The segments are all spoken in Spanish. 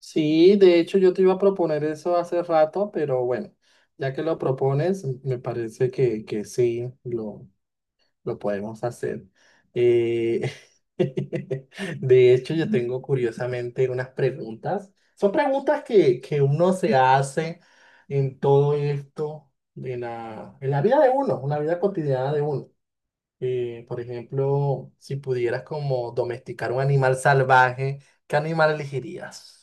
Sí, de hecho yo te iba a proponer eso hace rato, pero bueno, ya que lo propones, me parece que sí, lo podemos hacer. Eh, de hecho, yo tengo curiosamente unas preguntas. Son preguntas que uno se hace en todo esto, en la vida de uno, en la vida cotidiana de uno. Por ejemplo, si pudieras como domesticar un animal salvaje, ¿qué animal elegirías?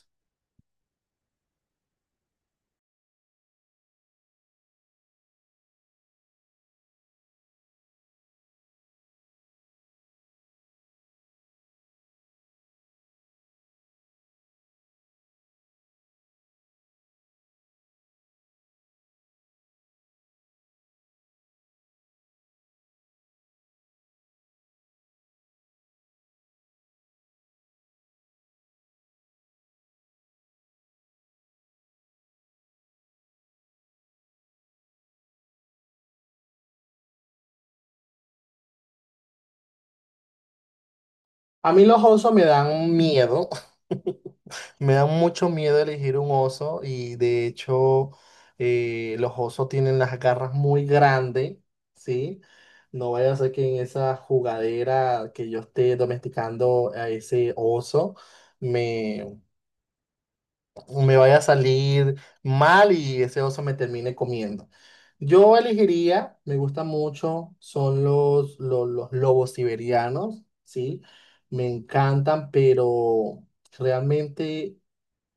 A mí los osos me dan miedo, me dan mucho miedo elegir un oso y de hecho los osos tienen las garras muy grandes, ¿sí? No vaya a ser que en esa jugadera que yo esté domesticando a ese oso me vaya a salir mal y ese oso me termine comiendo. Yo elegiría, me gusta mucho, son los lobos siberianos, ¿sí? Me encantan, pero realmente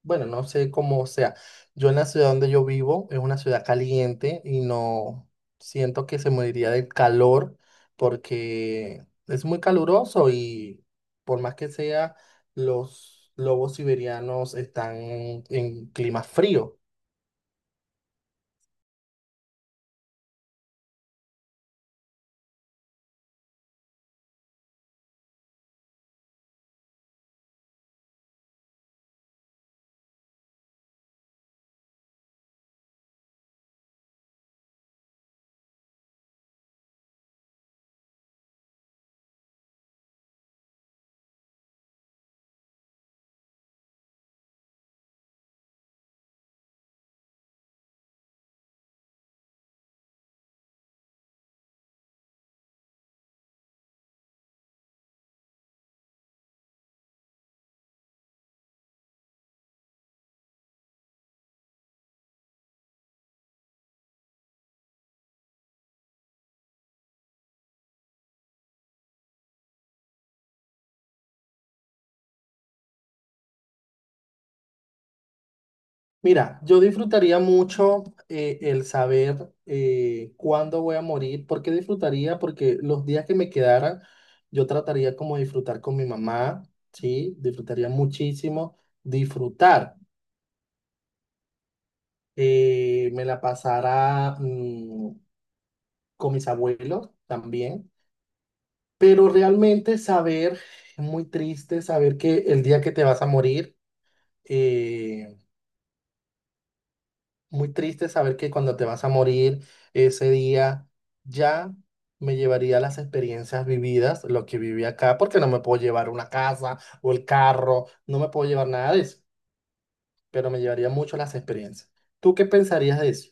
bueno, no sé cómo sea. Yo en la ciudad donde yo vivo es una ciudad caliente y no siento que se moriría del calor porque es muy caluroso y por más que sea, los lobos siberianos están en clima frío. Mira, yo disfrutaría mucho el saber cuándo voy a morir. ¿Por qué disfrutaría? Porque los días que me quedaran, yo trataría como de disfrutar con mi mamá, ¿sí? Disfrutaría muchísimo. Disfrutar. Me la pasará con mis abuelos también. Pero realmente saber, es muy triste saber que el día que te vas a morir, eh, muy triste saber que cuando te vas a morir ese día ya me llevaría las experiencias vividas, lo que viví acá, porque no me puedo llevar una casa o el carro, no me puedo llevar nada de eso, pero me llevaría mucho las experiencias. ¿Tú qué pensarías de eso?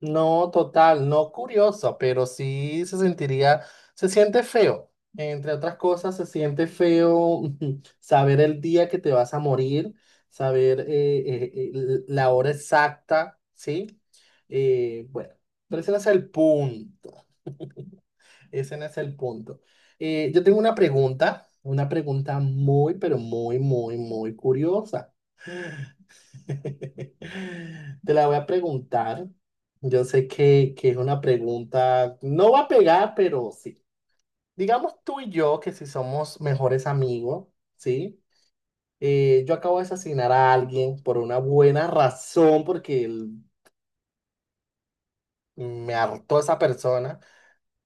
No, total, no curioso, pero sí se sentiría, se siente feo. Entre otras cosas, se siente feo saber el día que te vas a morir, saber la hora exacta, ¿sí? Bueno, pero ese no es el punto, ese no es el punto. Yo tengo una pregunta muy, pero muy, muy, muy curiosa. Te la voy a preguntar. Yo sé que es una pregunta, no va a pegar, pero sí. Digamos tú y yo que si somos mejores amigos, ¿sí? Yo acabo de asesinar a alguien por una buena razón, porque me hartó esa persona,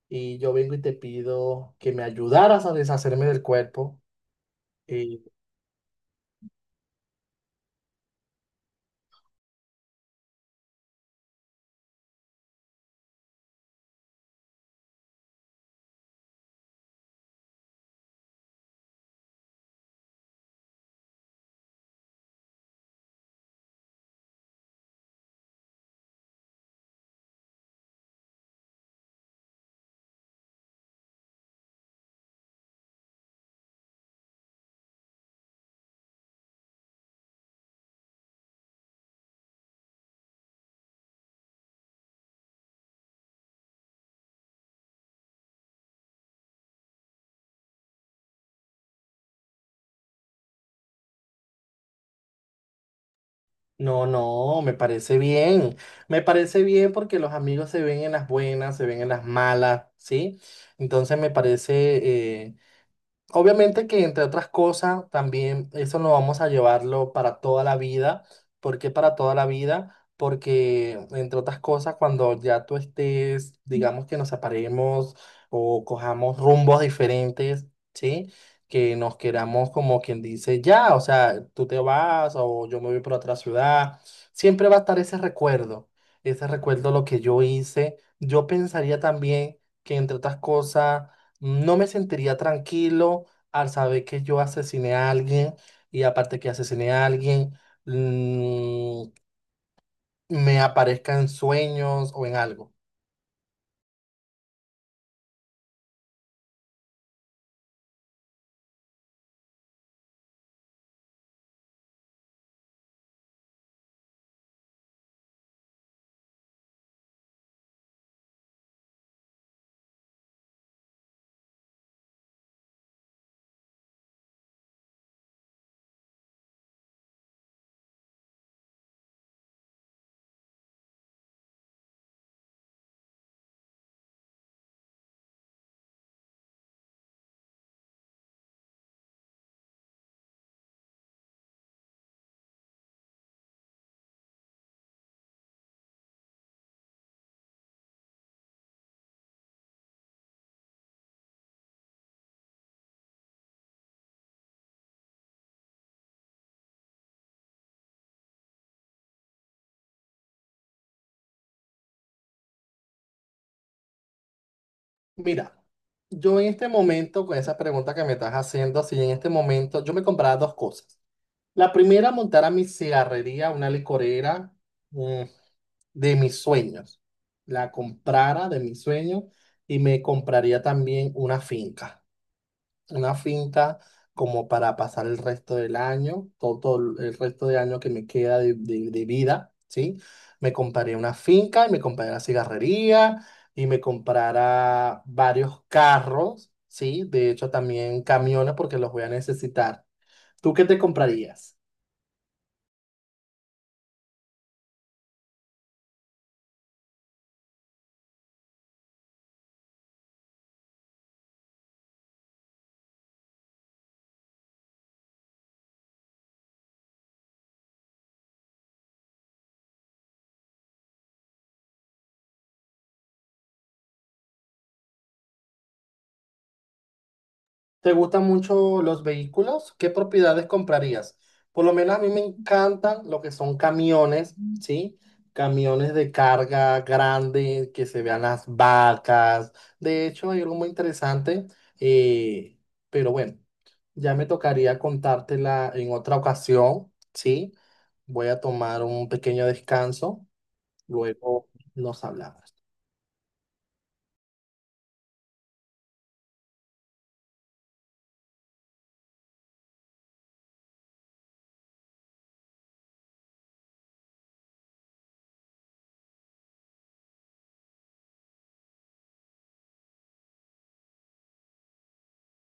y yo vengo y te pido que me ayudaras a deshacerme del cuerpo. eh, No, no, me parece bien. Me parece bien porque los amigos se ven en las buenas, se ven en las malas, ¿sí? Entonces me parece obviamente que entre otras cosas, también eso no vamos a llevarlo para toda la vida. ¿Por qué para toda la vida? Porque entre otras cosas, cuando ya tú estés, digamos que nos separemos o cojamos rumbos diferentes, ¿sí? Que nos queramos como quien dice, ya, o sea, tú te vas o yo me voy por otra ciudad, siempre va a estar ese recuerdo lo que yo hice. Yo pensaría también que entre otras cosas, no me sentiría tranquilo al saber que yo asesiné a alguien y aparte que asesiné a alguien, mm, me aparezca en sueños o en algo. Mira, yo en este momento, con esa pregunta que me estás haciendo, si en este momento yo me compraba dos cosas. La primera, montar a mi cigarrería, una licorera, mm, de mis sueños. La comprara de mis sueños y me compraría también una finca. Una finca como para pasar el resto del año, todo, todo el resto del año que me queda de, de vida, ¿sí? Me compraré una finca y me compraré una cigarrería y me comprará varios carros, ¿sí? De hecho, también camiones porque los voy a necesitar. ¿Tú qué te comprarías? ¿Te gustan mucho los vehículos? ¿Qué propiedades comprarías? Por lo menos a mí me encantan lo que son camiones, ¿sí? Camiones de carga grande, que se vean las vacas. De hecho, hay algo muy interesante, eh, pero bueno, ya me tocaría contártela en otra ocasión, ¿sí? Voy a tomar un pequeño descanso, luego nos hablamos.